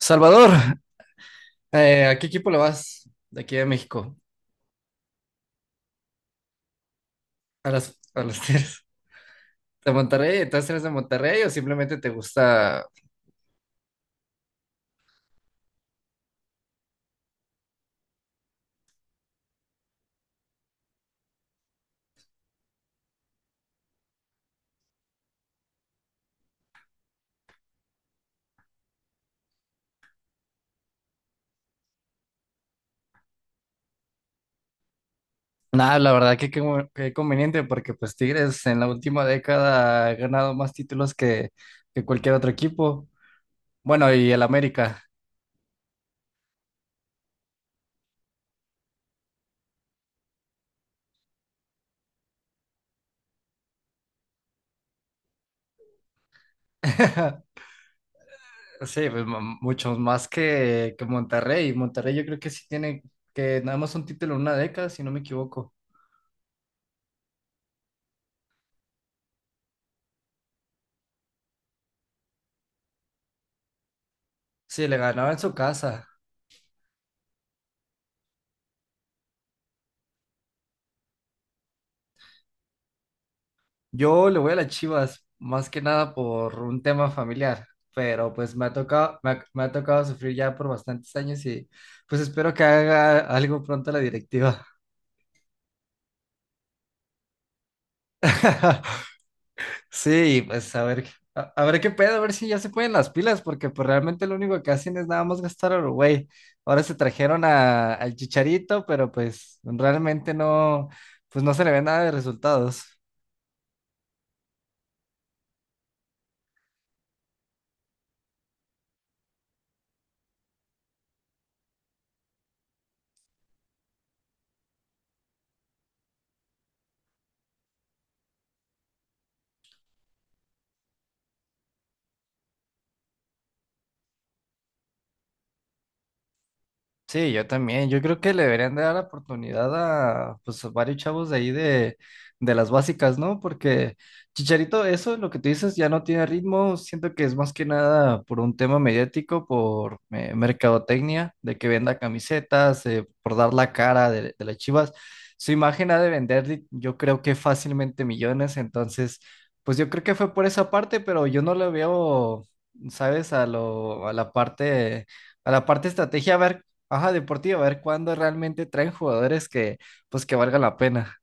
Salvador, ¿a qué equipo le vas de aquí de México? ¿A a las Tigres de Monterrey? ¿Entonces eres de Monterrey o simplemente te gusta? Nada, la verdad que qué conveniente porque pues Tigres en la última década ha ganado más títulos que cualquier otro equipo. Bueno, y el América. Sí, pues muchos más que Monterrey. Monterrey yo creo que sí tiene que nada más un título en una década, si no me equivoco. Sí, le ganaba en su casa. Yo le voy a las Chivas, más que nada por un tema familiar, pero pues me ha tocado, me ha tocado sufrir ya por bastantes años y pues espero que haga algo pronto la directiva. Sí, pues a ver, a ver qué pedo, a ver si ya se ponen las pilas, porque pues realmente lo único que hacen es nada más gastar a Uruguay. Ahora se trajeron al Chicharito, pero pues realmente no, pues no se le ve nada de resultados. Sí, yo también. Yo creo que le deberían de dar la oportunidad a pues a varios chavos de de las básicas, ¿no? Porque Chicharito, eso lo que tú dices ya no tiene ritmo. Siento que es más que nada por un tema mediático, por mercadotecnia, de que venda camisetas, por dar la cara de las Chivas. Su imagen ha de vender, yo creo que fácilmente millones. Entonces, pues yo creo que fue por esa parte, pero yo no le veo, ¿sabes? A la parte estrategia, a ver. Ajá, deportiva, a ver cuándo realmente traen jugadores que, pues, que valgan la pena.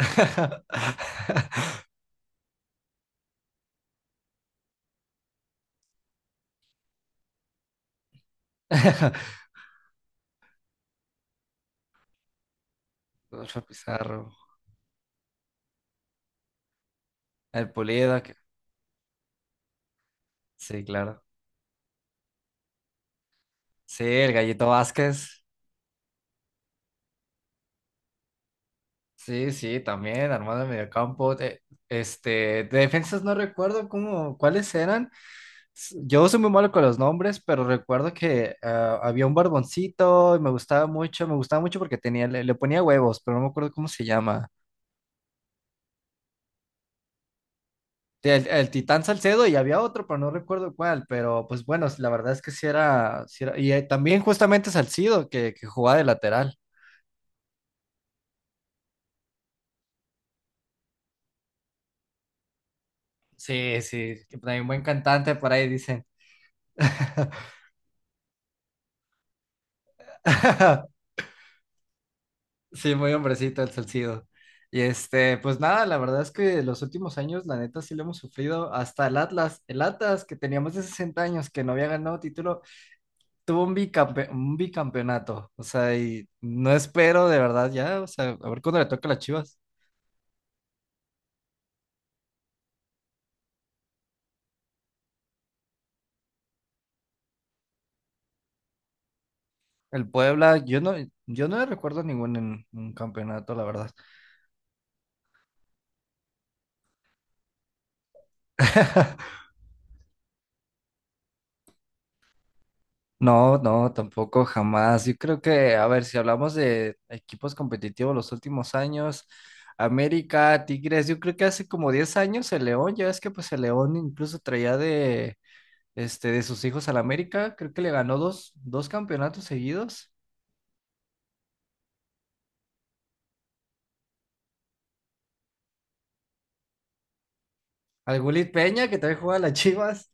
Rodolfo Pizarro, el Pulido, sí, claro. Sí, el Gallito Vázquez. Sí, sí, también, armado de mediocampo. Este, de defensas no recuerdo cuáles eran. Yo soy muy malo con los nombres, pero recuerdo que ah, había un barboncito y me gustaba mucho porque tenía, le ponía huevos, pero no me acuerdo cómo se llama. Sí, el Titán Salcedo y había otro, pero no recuerdo cuál, pero pues bueno, la verdad es que sí era, y también justamente Salcido que jugaba de lateral. Sí, sí, que también buen cantante por ahí dicen. Sí, muy hombrecito el Salcido. Y este, pues nada, la verdad es que los últimos años, la neta, sí lo hemos sufrido. Hasta el Atlas que teníamos de 60 años, que no había ganado título, tuvo un un bicampeonato. O sea, y no espero de verdad ya, o sea, a ver cuándo le toca a las Chivas. El Puebla, yo no, yo no recuerdo ningún en un campeonato, la verdad. No, no, tampoco jamás. Yo creo que, a ver, si hablamos de equipos competitivos los últimos años, América, Tigres, yo creo que hace como 10 años el León, ya es que pues el León incluso traía de, este, de sus hijos al América, creo que le ganó dos campeonatos seguidos. Al Gulit Peña, que también juega a las Chivas.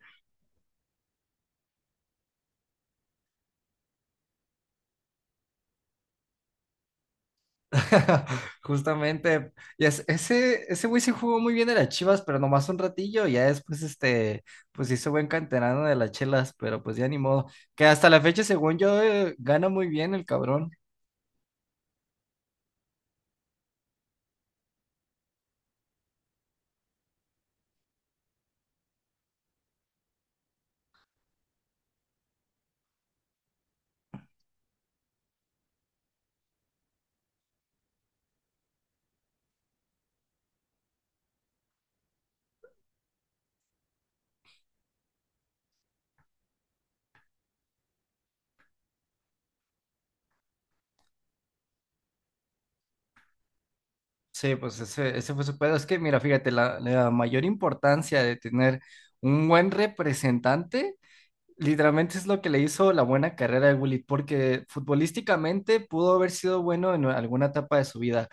Justamente, y ese güey sí jugó muy bien en las Chivas, pero nomás un ratillo, ya después este, pues hizo buen canterano de las chelas, pero pues ya ni modo, que hasta la fecha según yo gana muy bien el cabrón, sí, pues ese fue su pedo, es que mira, fíjate, la mayor importancia de tener un buen representante. Literalmente es lo que le hizo la buena carrera de Willy, porque futbolísticamente pudo haber sido bueno en alguna etapa de su vida,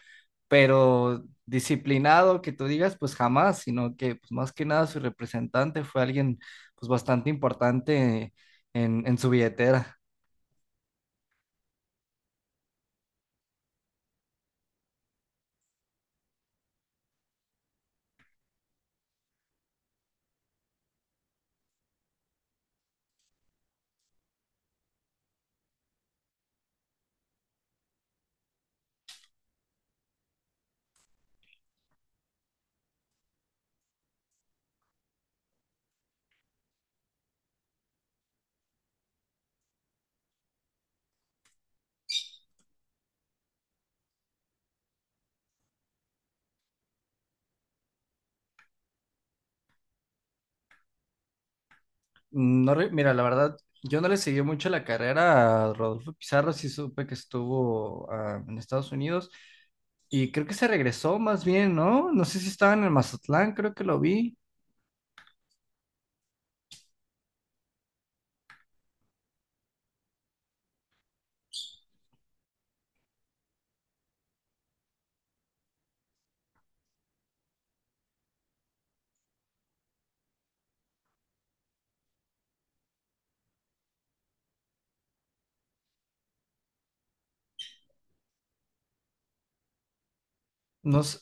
pero disciplinado que tú digas, pues jamás, sino que pues, más que nada su representante fue alguien pues bastante importante en su billetera. No, re- mira, la verdad, yo no le seguí mucho la carrera a Rodolfo Pizarro, sí supe que estuvo ah, en Estados Unidos y creo que se regresó más bien, ¿no? No sé si estaba en el Mazatlán, creo que lo vi. No, sé,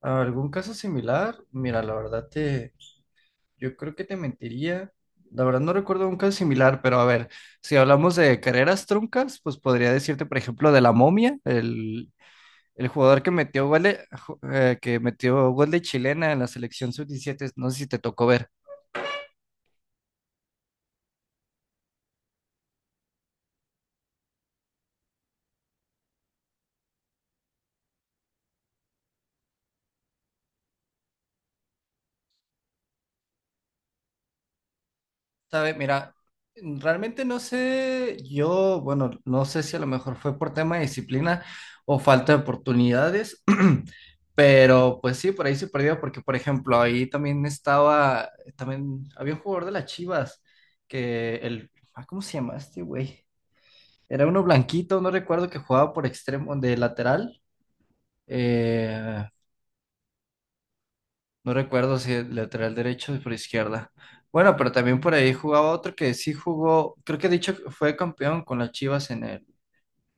¿algún caso similar? Mira, yo creo que te mentiría. La verdad no recuerdo un caso similar, pero a ver, si hablamos de carreras truncas, pues podría decirte, por ejemplo, de la Momia, el jugador que metió gol que metió gol de chilena en la selección sub 17, no sé si te tocó ver. Sabes, mira, realmente no sé, yo, bueno, no sé si a lo mejor fue por tema de disciplina o falta de oportunidades, pero pues sí, por ahí se perdió, porque por ejemplo, ahí también estaba, también había un jugador de las Chivas, ah, ¿cómo se llama este güey? Era uno blanquito, no recuerdo que jugaba por extremo, de lateral. eh, No recuerdo si el lateral derecho o por izquierda. Bueno, pero también por ahí jugaba otro que sí jugó, creo que he dicho que fue campeón con las Chivas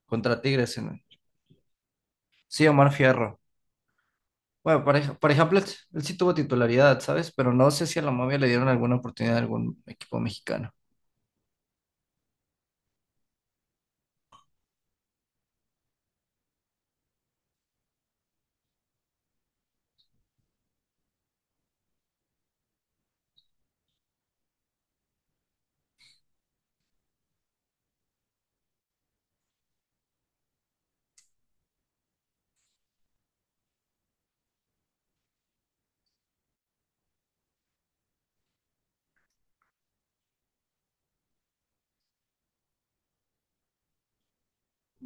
contra Tigres en el. Sí, Omar Fierro. Bueno, por ejemplo, él sí tuvo titularidad, ¿sabes? Pero no sé si a la momia le dieron alguna oportunidad a algún equipo mexicano.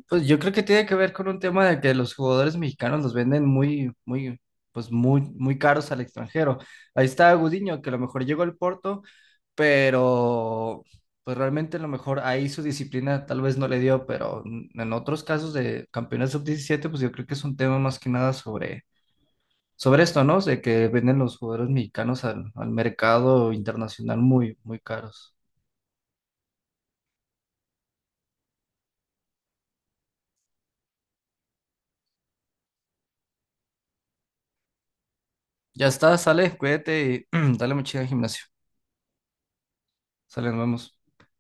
Pues yo creo que tiene que ver con un tema de que los jugadores mexicanos los venden pues muy, muy caros al extranjero. Ahí está Gudiño, que a lo mejor llegó al Porto, pero pues realmente a lo mejor ahí su disciplina tal vez no le dio, pero en otros casos de campeones sub 17 pues yo creo que es un tema más que nada sobre, sobre esto, ¿no? De que venden los jugadores mexicanos al mercado internacional muy, muy caros. Ya está, sale, cuídate y dale mucha al gimnasio. Sale, nos vemos.